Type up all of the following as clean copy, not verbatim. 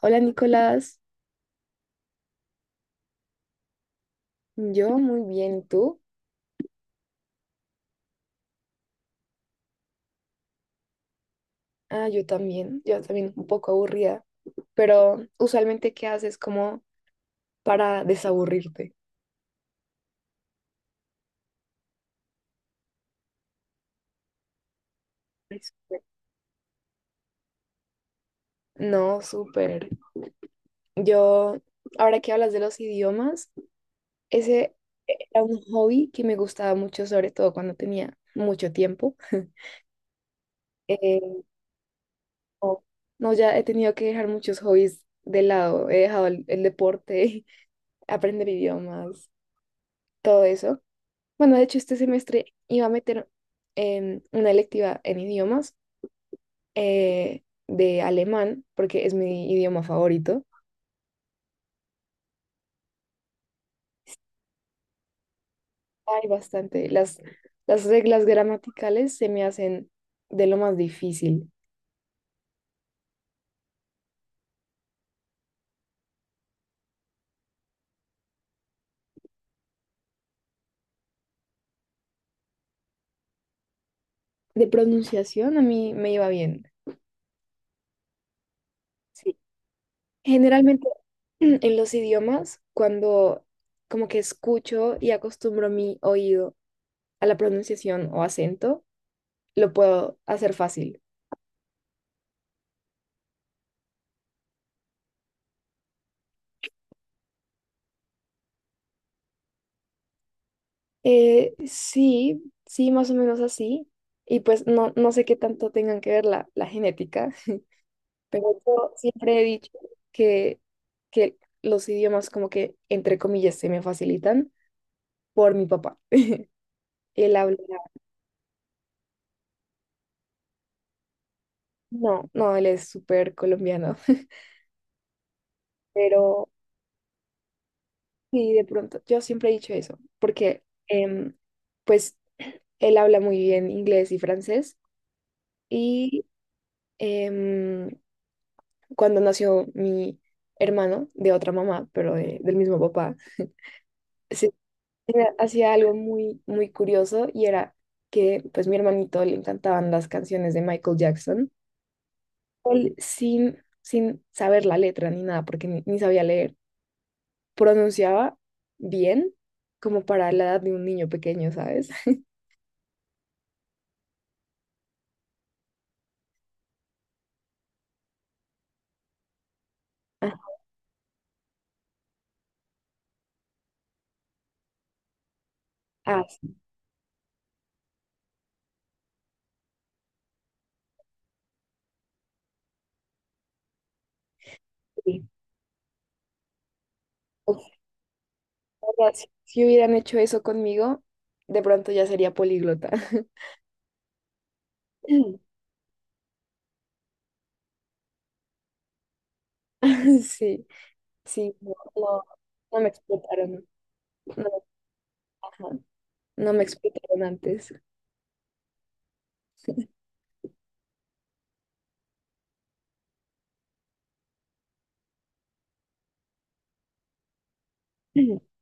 Hola Nicolás, yo muy bien, ¿y tú? Ah, yo también un poco aburrida, pero usualmente ¿qué haces como para desaburrirte? No, súper. Yo, ahora que hablas de los idiomas, ese era un hobby que me gustaba mucho, sobre todo cuando tenía mucho tiempo. Eh, no, no, ya he tenido que dejar muchos hobbies de lado, he dejado el deporte, aprender idiomas, todo eso. Bueno, de hecho, este semestre iba a meter una electiva en idiomas de alemán, porque es mi idioma favorito. Hay bastante. Las reglas gramaticales se me hacen de lo más difícil. De pronunciación a mí me iba bien. Sí. Generalmente en los idiomas, cuando como que escucho y acostumbro mi oído a la pronunciación o acento, lo puedo hacer fácil. Sí, sí, más o menos así. Y pues no, no sé qué tanto tengan que ver la genética, pero yo siempre he dicho que, que los idiomas como que, entre comillas, se me facilitan por mi papá. Él habla, no, no, él es súper colombiano. Pero sí, de pronto, yo siempre he dicho eso, porque pues él habla muy bien inglés y francés y... em, cuando nació mi hermano de otra mamá, pero del mismo papá, se hacía algo muy, muy curioso y era que pues mi hermanito le encantaban las canciones de Michael Jackson. Él sin saber la letra ni nada, porque ni sabía leer, pronunciaba bien como para la edad de un niño pequeño, ¿sabes? Ah, ah, sí. Uf, ahora, si hubieran hecho eso conmigo, de pronto ya sería políglota. Sí. Sí, no, no, no me explotaron. No, ajá, no me explotaron antes.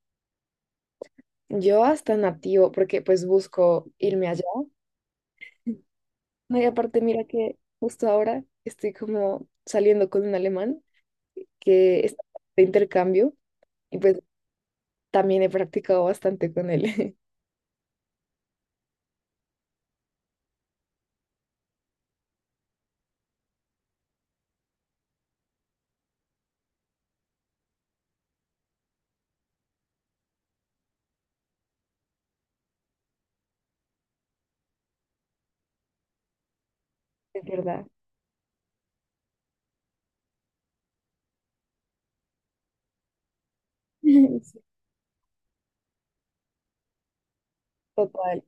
Yo hasta nativo, porque pues busco irme allá. No, y aparte, mira que justo ahora estoy como saliendo con un alemán que está de intercambio y pues también he practicado bastante con él. Es verdad. Sí, total.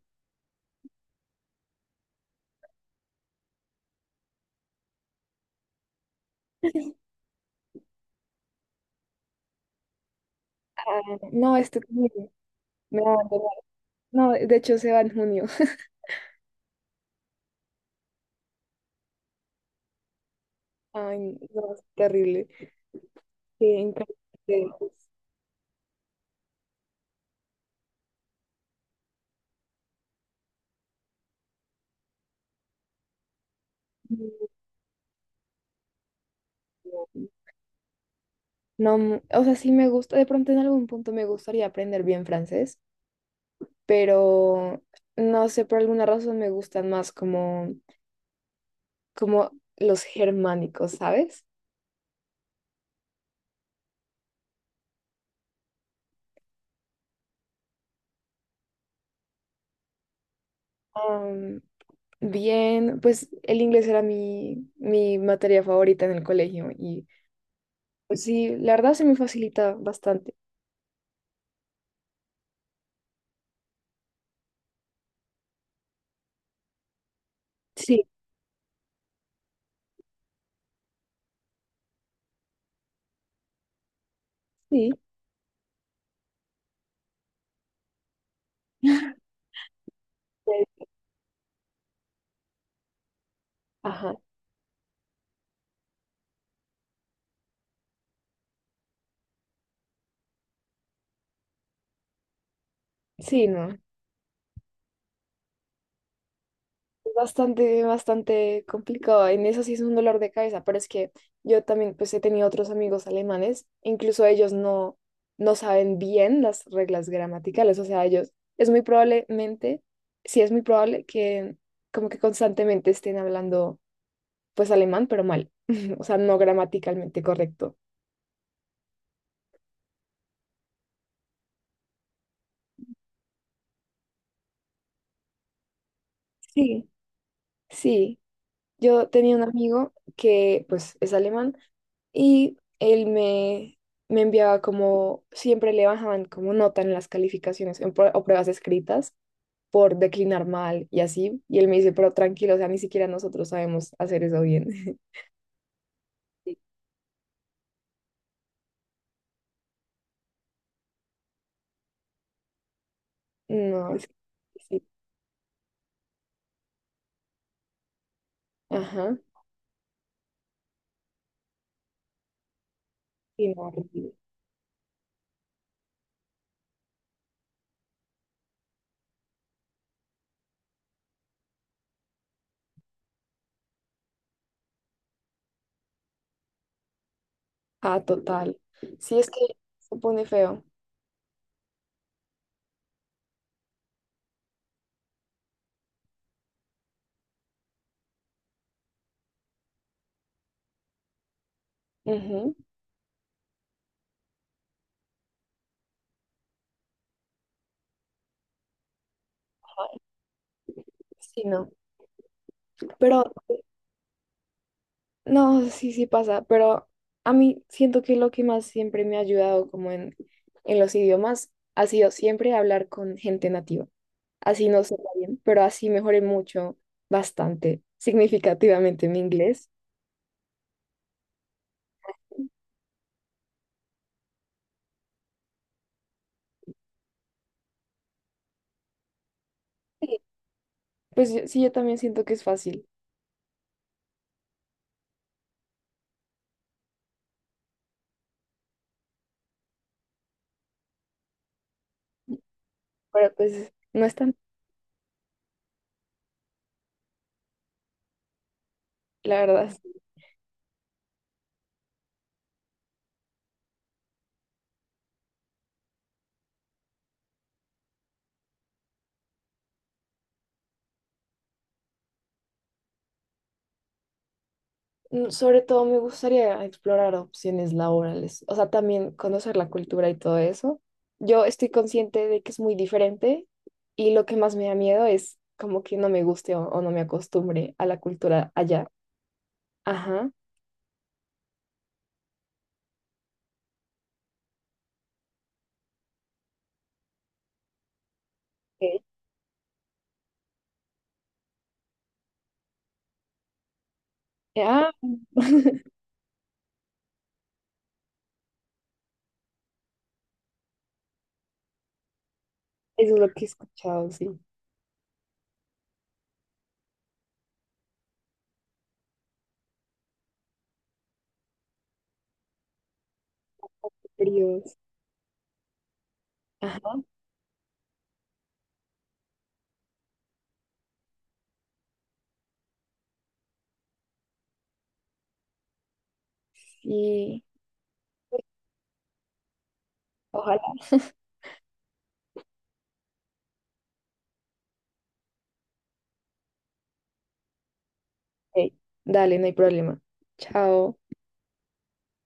Ah, no, este también me va a abandonar. No, de hecho se va en junio. Ay, no, es terrible. Qué increíble. Pues, no, mm, o sea, sí me gusta, de pronto en algún punto me gustaría aprender bien francés, pero no sé, por alguna razón me gustan más como, como los germánicos, ¿sabes? Am, bien, pues el inglés era mi, mi materia favorita en el colegio y pues sí, la verdad se me facilita bastante. Sí, sí. Pues, ajá, sí, no. Bastante, bastante complicado. En eso sí es un dolor de cabeza, pero es que yo también pues he tenido otros amigos alemanes, e incluso ellos no, no saben bien las reglas gramaticales, o sea, ellos es muy probablemente, sí es muy probable que como que constantemente estén hablando pues alemán, pero mal, o sea, no gramaticalmente correcto. Sí. Sí, yo tenía un amigo que pues es alemán. Y me enviaba como, siempre le bajaban como nota en las calificaciones en o pruebas escritas por declinar mal y así. Y él me dice, pero tranquilo, o sea, ni siquiera nosotros sabemos hacer eso bien. No, es que sí. Ajá. Sí, no, horrible. Ah, total. Sí, es que se pone feo. Ujú. Ajá, sí, no. Pero no, sí, sí pasa, pero a mí siento que lo que más siempre me ha ayudado como en los idiomas ha sido siempre hablar con gente nativa. Así no sepa bien, pero así mejoré mucho, bastante, significativamente mi inglés. Sí. Pues yo- sí, yo también siento que es fácil, pero pues no es tan, la verdad. Mm, sobre todo me gustaría explorar opciones laborales, o sea, también conocer la cultura y todo eso. Yo estoy consciente de que es muy diferente y lo que más me da miedo es como que no me guste o no me acostumbre a la cultura allá. Ajá. Ok. Eh, ah, eso es lo que he escuchado, sí. Fríos. Ajá. Y ojalá. Ok, dale, no hay problema. Chao.